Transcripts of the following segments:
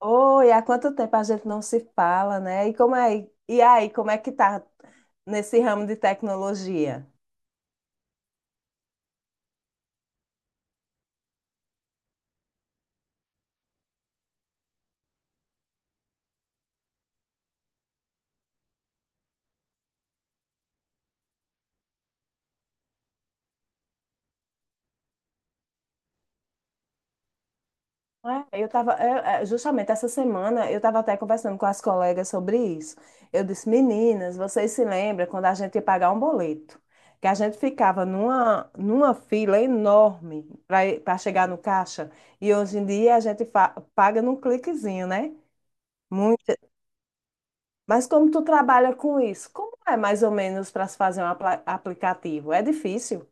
Oi, há quanto tempo a gente não se fala, né? E como é, e aí, como é que tá nesse ramo de tecnologia? É, eu tava, é, é, Justamente essa semana eu estava até conversando com as colegas sobre isso. Eu disse, meninas, vocês se lembram quando a gente ia pagar um boleto? Que a gente ficava numa fila enorme para chegar no caixa, e hoje em dia a gente paga num cliquezinho, né? Mas como tu trabalha com isso? Como é mais ou menos para se fazer um aplicativo? É difícil?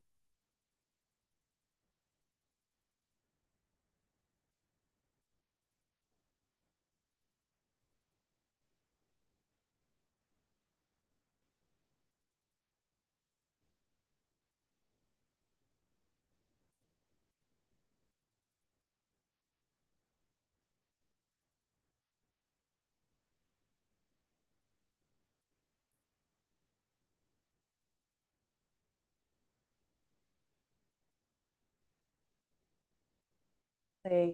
Sei.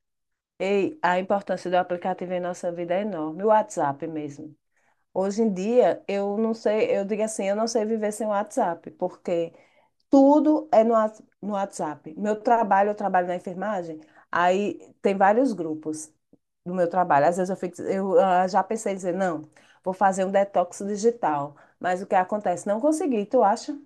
Ei, a importância do aplicativo em nossa vida é enorme. O WhatsApp mesmo. Hoje em dia, eu não sei, eu digo assim, eu não sei viver sem o WhatsApp, porque tudo é no WhatsApp. Meu trabalho, eu trabalho na enfermagem, aí tem vários grupos do meu trabalho. Às vezes eu fico, já pensei em dizer, não, vou fazer um detox digital. Mas o que acontece? Não consegui, tu acha?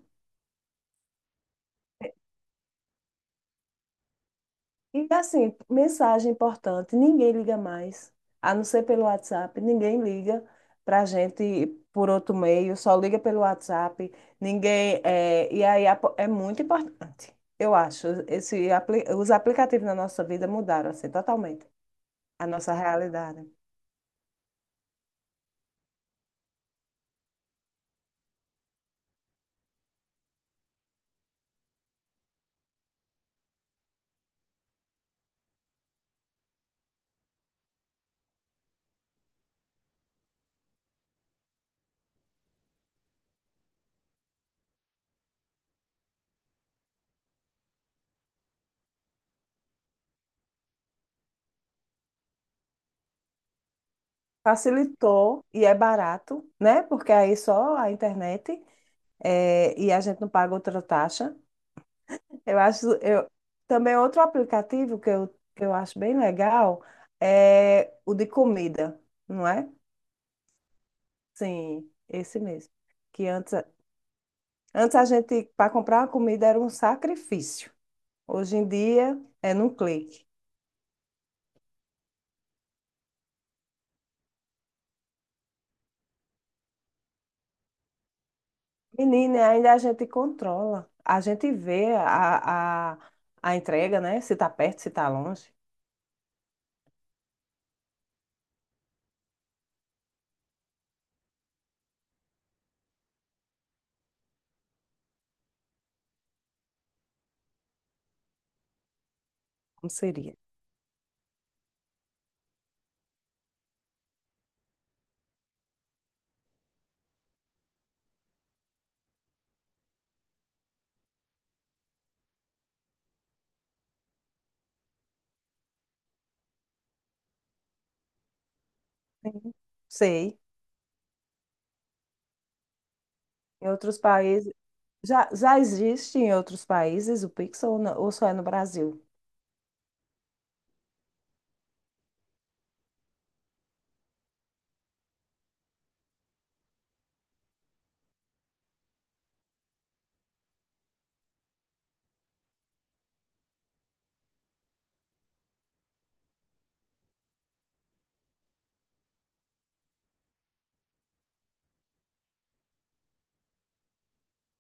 E assim, mensagem importante, ninguém liga mais, a não ser pelo WhatsApp, ninguém liga para a gente por outro meio, só liga pelo WhatsApp, ninguém. É, e aí é muito importante, eu acho. Os aplicativos na nossa vida mudaram assim, totalmente a nossa realidade. Facilitou e é barato, né? Porque aí só a internet é, e a gente não paga outra taxa. Eu acho, eu também outro aplicativo que eu acho bem legal é o de comida, não é? Sim, esse mesmo. Que antes a gente para comprar uma comida era um sacrifício. Hoje em dia é num clique. Menina, ainda a gente controla. A gente vê a entrega, né? Se está perto, se está longe. Como seria? Sim. Sei. Em outros países já, já existe em outros países o Pix ou, ou só é no Brasil?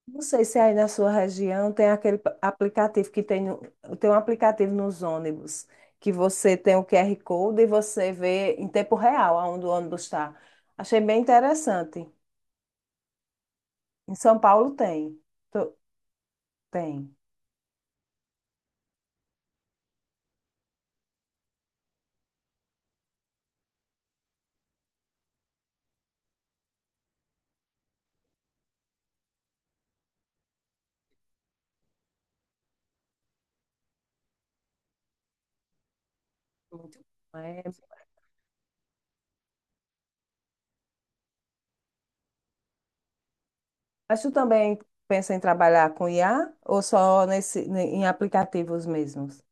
Não sei se aí na sua região tem aquele aplicativo que tem, tem um aplicativo nos ônibus, que você tem o QR Code e você vê em tempo real aonde o ônibus está. Achei bem interessante. Em São Paulo tem. Tô- Tem. Muito bom. É. Mas tu também pensa em trabalhar com IA ou só nesse, em aplicativos mesmos?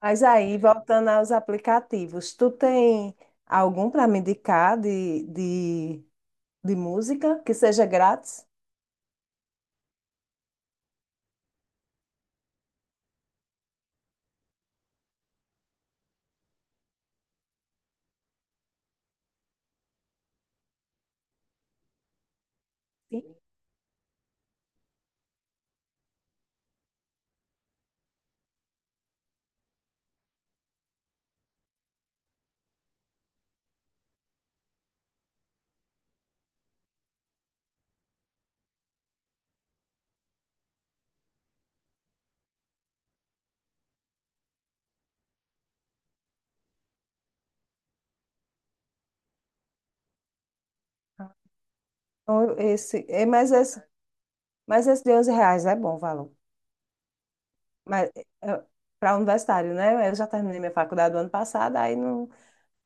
Mas aí, voltando aos aplicativos, tu tem algum para me indicar de música que seja grátis? Sim. Ou Esse, é, mas esse de R$ 11 é bom o valor. Mas para universitário, né? Eu já terminei minha faculdade do ano passado, aí não,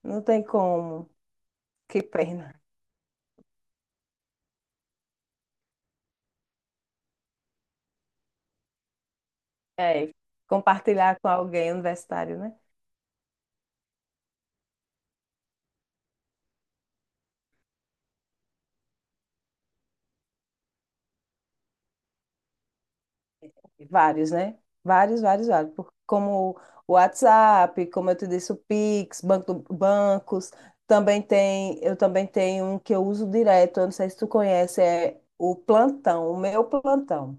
não tem como. Que pena. É, compartilhar com alguém universitário, né? Vários, né? Vários, vários, vários. Como o WhatsApp, como eu te disse, o Pix, banco, bancos. Também tem, eu também tenho um que eu uso direto, eu não sei se tu conhece, é o Plantão, o meu Plantão.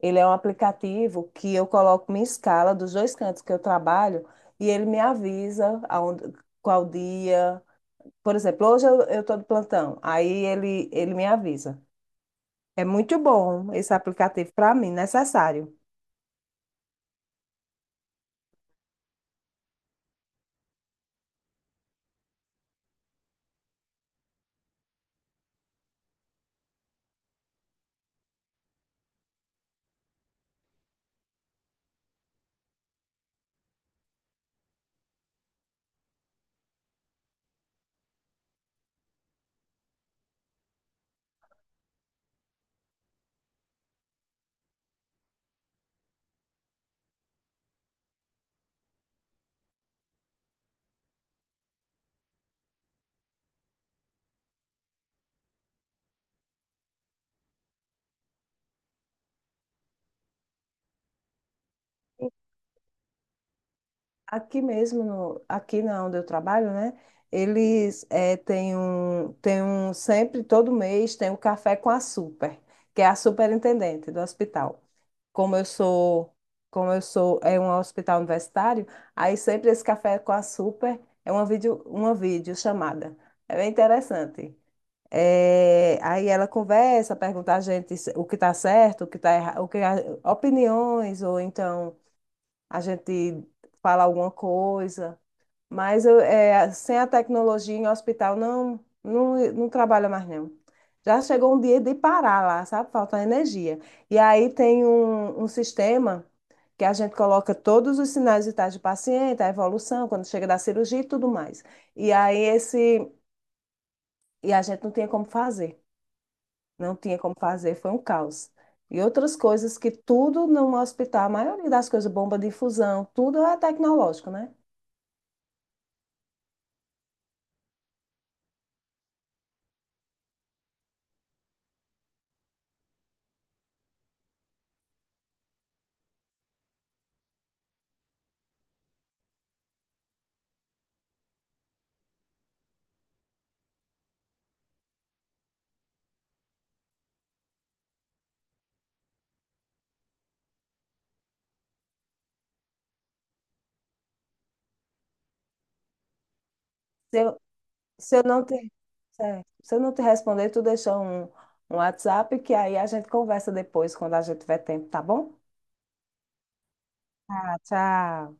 Ele é um aplicativo que eu coloco minha escala dos dois cantos que eu trabalho e ele me avisa aonde, qual dia. Por exemplo, hoje eu tô de plantão, aí ele me avisa. É muito bom esse aplicativo para mim, necessário. Aqui mesmo, no, aqui na onde eu trabalho, né? Eles têm um, sempre, todo mês, tem o café com a super, que é a superintendente do hospital. Como eu sou, é um hospital universitário, aí sempre esse café com a super é uma uma videochamada. É bem interessante. É, aí ela conversa, pergunta a gente o que está certo, o que está errado, opiniões, ou então a gente fala alguma coisa. Mas eu, é, sem a tecnologia em hospital, não, não, não trabalha mais não. Já chegou um dia de parar lá, sabe? Falta energia. E aí tem um sistema que a gente coloca todos os sinais vitais do paciente, a evolução, quando chega da cirurgia e tudo mais. E aí esse, e a gente não tinha como fazer, foi um caos. E outras coisas que tudo no hospital, a maioria das coisas, bomba de infusão, tudo é tecnológico, né? Se eu, se eu não te, certo. Se eu não te responder, tu deixa um WhatsApp que aí a gente conversa depois, quando a gente tiver tempo, tá bom? Tá, tchau.